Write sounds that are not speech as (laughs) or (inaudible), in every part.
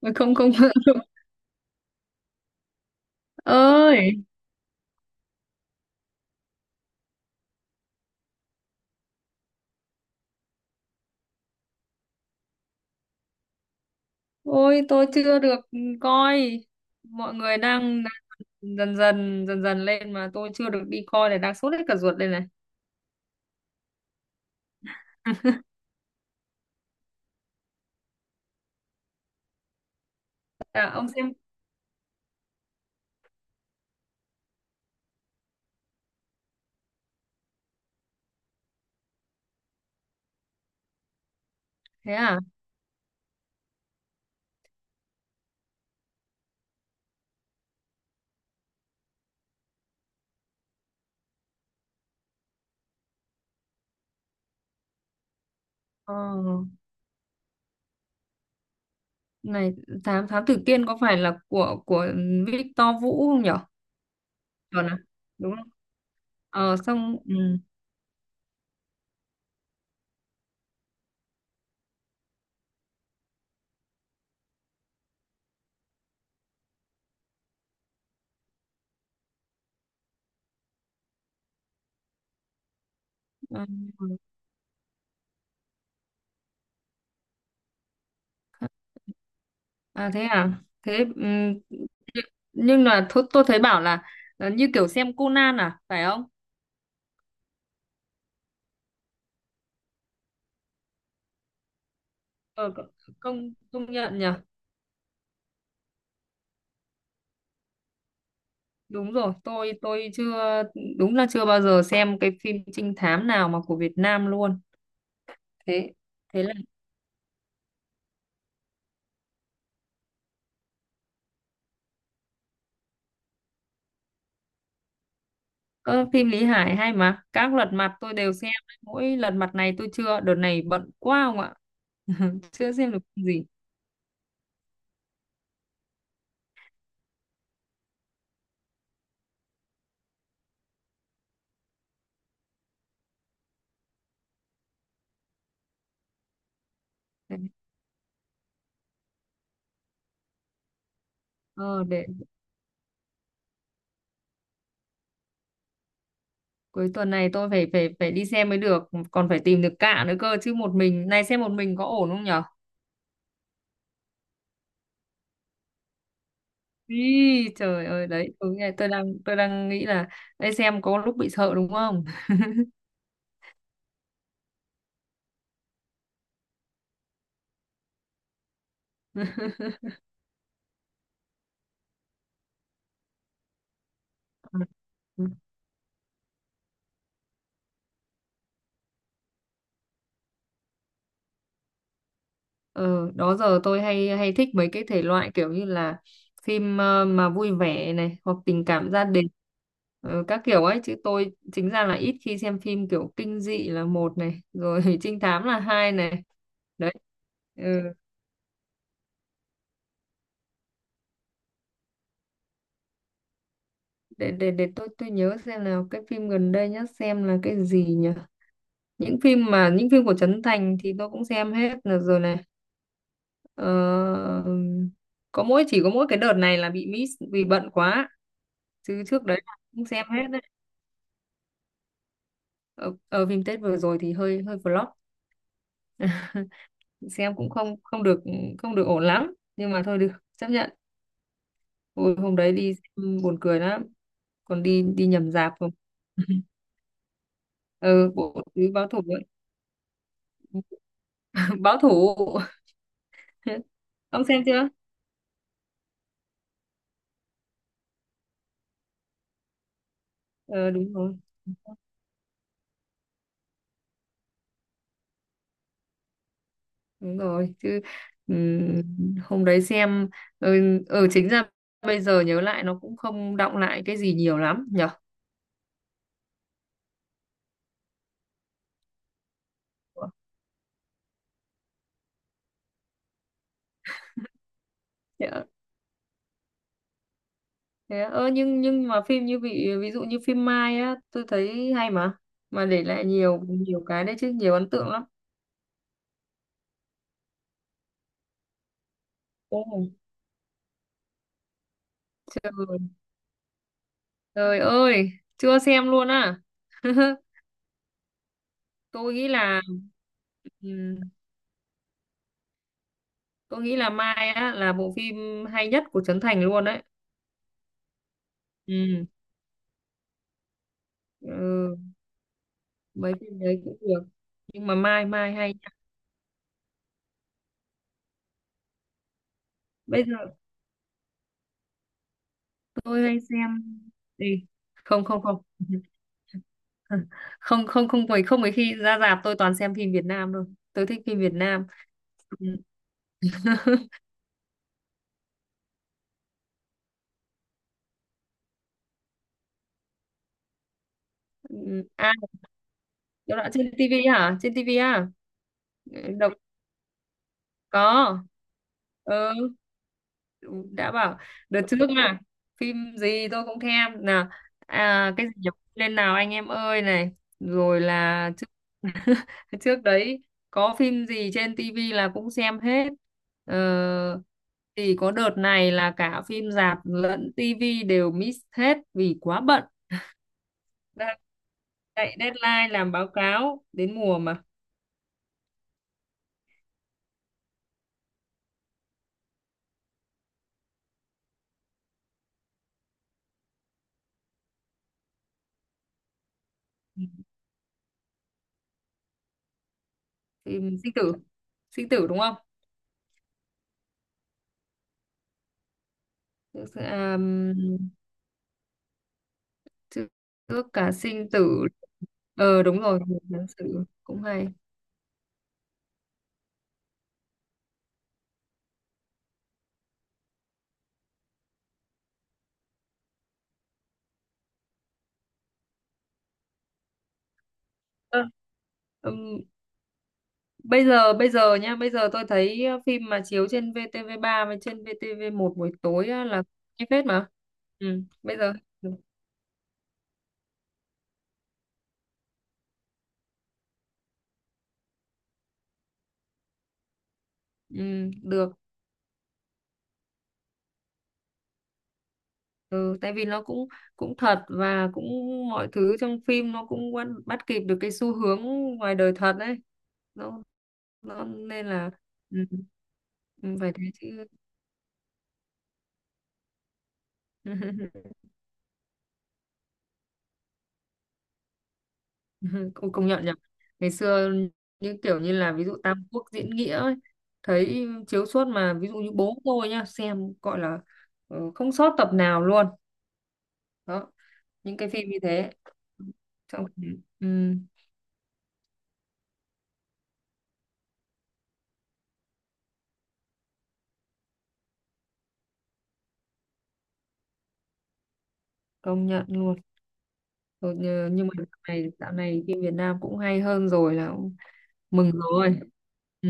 Mà không không (laughs) ơi, ôi tôi chưa được coi, mọi người đang đang dần dần lên mà tôi chưa được đi coi này, đang sốt hết cả ruột đây này. À, ông xem? Thế à? ờ, Này, thám thám tử Kiên có phải là của Victor Vũ không nhở? Chuẩn à? Đúng không? Xong, ừ. à, Thế à? Thế, ừ. Nhưng là thôi, tôi thấy bảo là như kiểu xem Conan à, phải không? ờ, công công nhận nhỉ. Đúng rồi. Tôi chưa, đúng là chưa bao giờ xem cái phim trinh thám nào mà của Việt Nam luôn. Thế thế là ơ, phim Lý Hải hay mà, các lật mặt tôi đều xem, mỗi lật mặt này tôi chưa, đợt này bận quá không ạ. (laughs) Chưa xem được phim gì. Đấy. Ờ, để cuối tuần này tôi phải phải phải đi xem mới được, còn phải tìm được cả nữa cơ chứ, một mình này, xem một mình có ổn không nhở? Ý, trời ơi, đấy tôi nghe, tôi đang nghĩ là đây xem có lúc bị sợ đúng không. (laughs) Ừ, đó giờ tôi hay hay thích mấy cái thể loại kiểu như là phim mà vui vẻ này, hoặc tình cảm gia đình, các kiểu ấy, chứ tôi chính ra là ít khi xem phim kiểu kinh dị là một này rồi, (laughs) trinh thám là hai này. Đấy. ừ, để tôi nhớ xem nào, cái phim gần đây nhất xem là cái gì nhỉ? Những phim của Trấn Thành thì tôi cũng xem hết là rồi này. ờ, có mỗi, chỉ có mỗi cái đợt này là bị miss vì bận quá, chứ trước đấy là cũng xem hết đấy. Ở, ở Phim Tết vừa rồi thì hơi hơi flop, xem cũng không không được, không được ổn lắm, nhưng mà thôi được, chấp nhận. Ôi, hôm đấy đi xem buồn cười lắm, còn đi đi nhầm rạp không. (laughs) Ừ, bộ tứ báo thủ ấy. (laughs) Báo thủ. (laughs) Ông xem chưa? Ờ, Đúng rồi, đúng rồi chứ. Hôm đấy xem, chính ra bây giờ nhớ lại nó cũng không đọng lại cái gì nhiều lắm nhở. Dạ. Thế á? Ơ nhưng mà phim như ví dụ như phim Mai á, tôi thấy hay mà để lại nhiều, nhiều cái đấy chứ, nhiều ấn tượng lắm. Đúng. trời, Trời ơi, chưa xem luôn á. (laughs) tôi nghĩ là ừm, tôi nghĩ là Mai á là bộ phim hay nhất của Trấn Thành luôn đấy. ừ, ừ, Mấy phim đấy cũng được, nhưng mà Mai Mai hay nha. Bây giờ tôi hay xem, đi, không không không, không không không mấy, không mấy khi ra rạp, tôi toàn xem phim Việt Nam thôi. Tôi thích phim Việt Nam. Ừ. Ừ. À, chỗ đó trên tivi hả, trên tivi à? Ừ, đọc, có. Ừ, đã bảo, đợt trước mà phim gì tôi cũng thèm nào. À, cái gì nhỉ? Lên nào anh em ơi này, rồi là trước. (laughs) Trước đấy có phim gì trên tivi là cũng xem hết. ờ, thì có đợt này là cả phim rạp lẫn tivi đều miss hết vì quá bận, đang chạy deadline làm báo cáo đến mùa mà. Phim sinh tử, sinh tử đúng không? À, Trước trước cả sinh tử. Ờ, đúng rồi. Tháng sử cũng hay. Ờ, Ừm, bây giờ nha. Bây giờ tôi thấy phim mà chiếu trên VTV3 với trên VTV1 buổi tối á, là hay phết mà. Bây giờ, ừ, được, ừ, tại vì nó cũng cũng thật, và cũng mọi thứ trong phim, nó cũng bắt kịp được cái xu hướng ngoài đời thật đấy. Nó, nó nên là, ừ, phải thế chứ. (laughs) (laughs) Cũng công nhận nhỉ. Ngày xưa như kiểu như là ví dụ Tam Quốc diễn nghĩa ấy, thấy chiếu suốt mà, ví dụ như bố tôi nhá, xem gọi là không sót tập nào luôn. Đó, những cái phim như thế. Xong, ừ, công nhận luôn. Nhưng mà dạo này, phim Việt Nam cũng hay hơn rồi là cũng mừng rồi. ừ,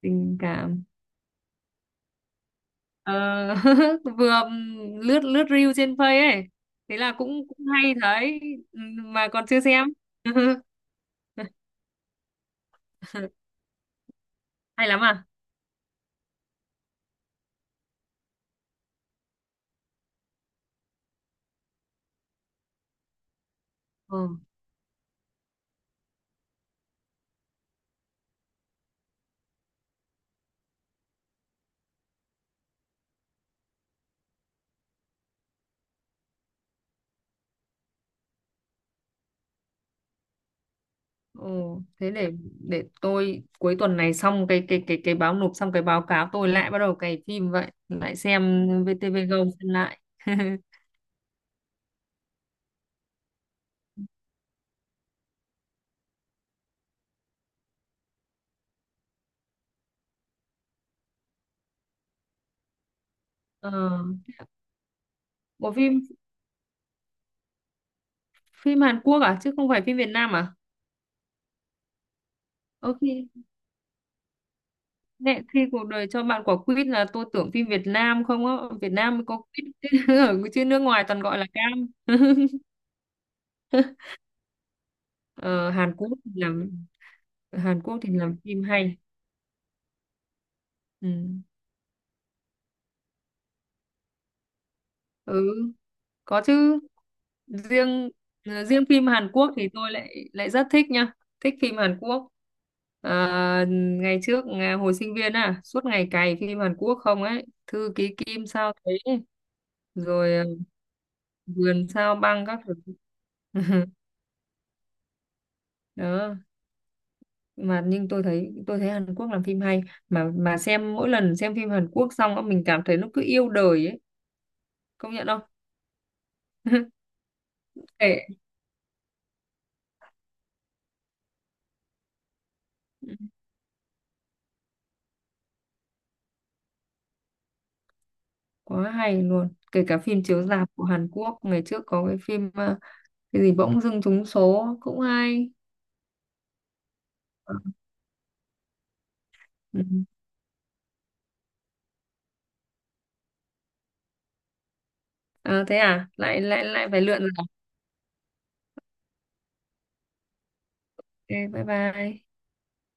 Tình cảm. Ờ, (laughs) vừa lướt lướt reel trên Face ấy, thế là cũng cũng hay thấy. Mà còn chưa xem. (laughs) (laughs) Hay lắm à? Ừ. Ừ. Thế để tôi cuối tuần này, xong cái báo, nộp xong cái báo cáo, tôi lại bắt đầu cày phim vậy, lại xem VTV Go xem lại. (laughs) ờ. Bộ phim phim Hàn Quốc à, chứ không phải phim Việt Nam à? Ờ, khi, mẹ, khi cuộc đời cho bạn quả quýt là tôi tưởng phim Việt Nam không á. Việt Nam mới có quýt, (laughs) chứ nước ngoài toàn gọi là cam. (laughs) Ờ, Hàn Quốc thì làm, Hàn Quốc thì làm phim hay. Ừ. Ừ, có chứ. Riêng riêng phim Hàn Quốc thì tôi lại lại rất thích nha, thích phim Hàn Quốc. À, ngày trước à, hồi sinh viên à suốt ngày cày phim Hàn Quốc không ấy, Thư ký Kim sao thế. Rồi à, vườn sao băng các thứ. (laughs) Đó, mà nhưng tôi thấy Hàn Quốc làm phim hay, mà xem, mỗi lần xem phim Hàn Quốc xong á, mình cảm thấy nó cứ yêu đời ấy, công nhận không? (laughs) Kệ. Quá hay luôn, kể cả phim chiếu rạp của Hàn Quốc, ngày trước có cái phim cái gì bỗng dưng trúng số cũng hay. Ừ. À, thế à? Lại lại Lại phải lượn rồi à? Ok, bye bye.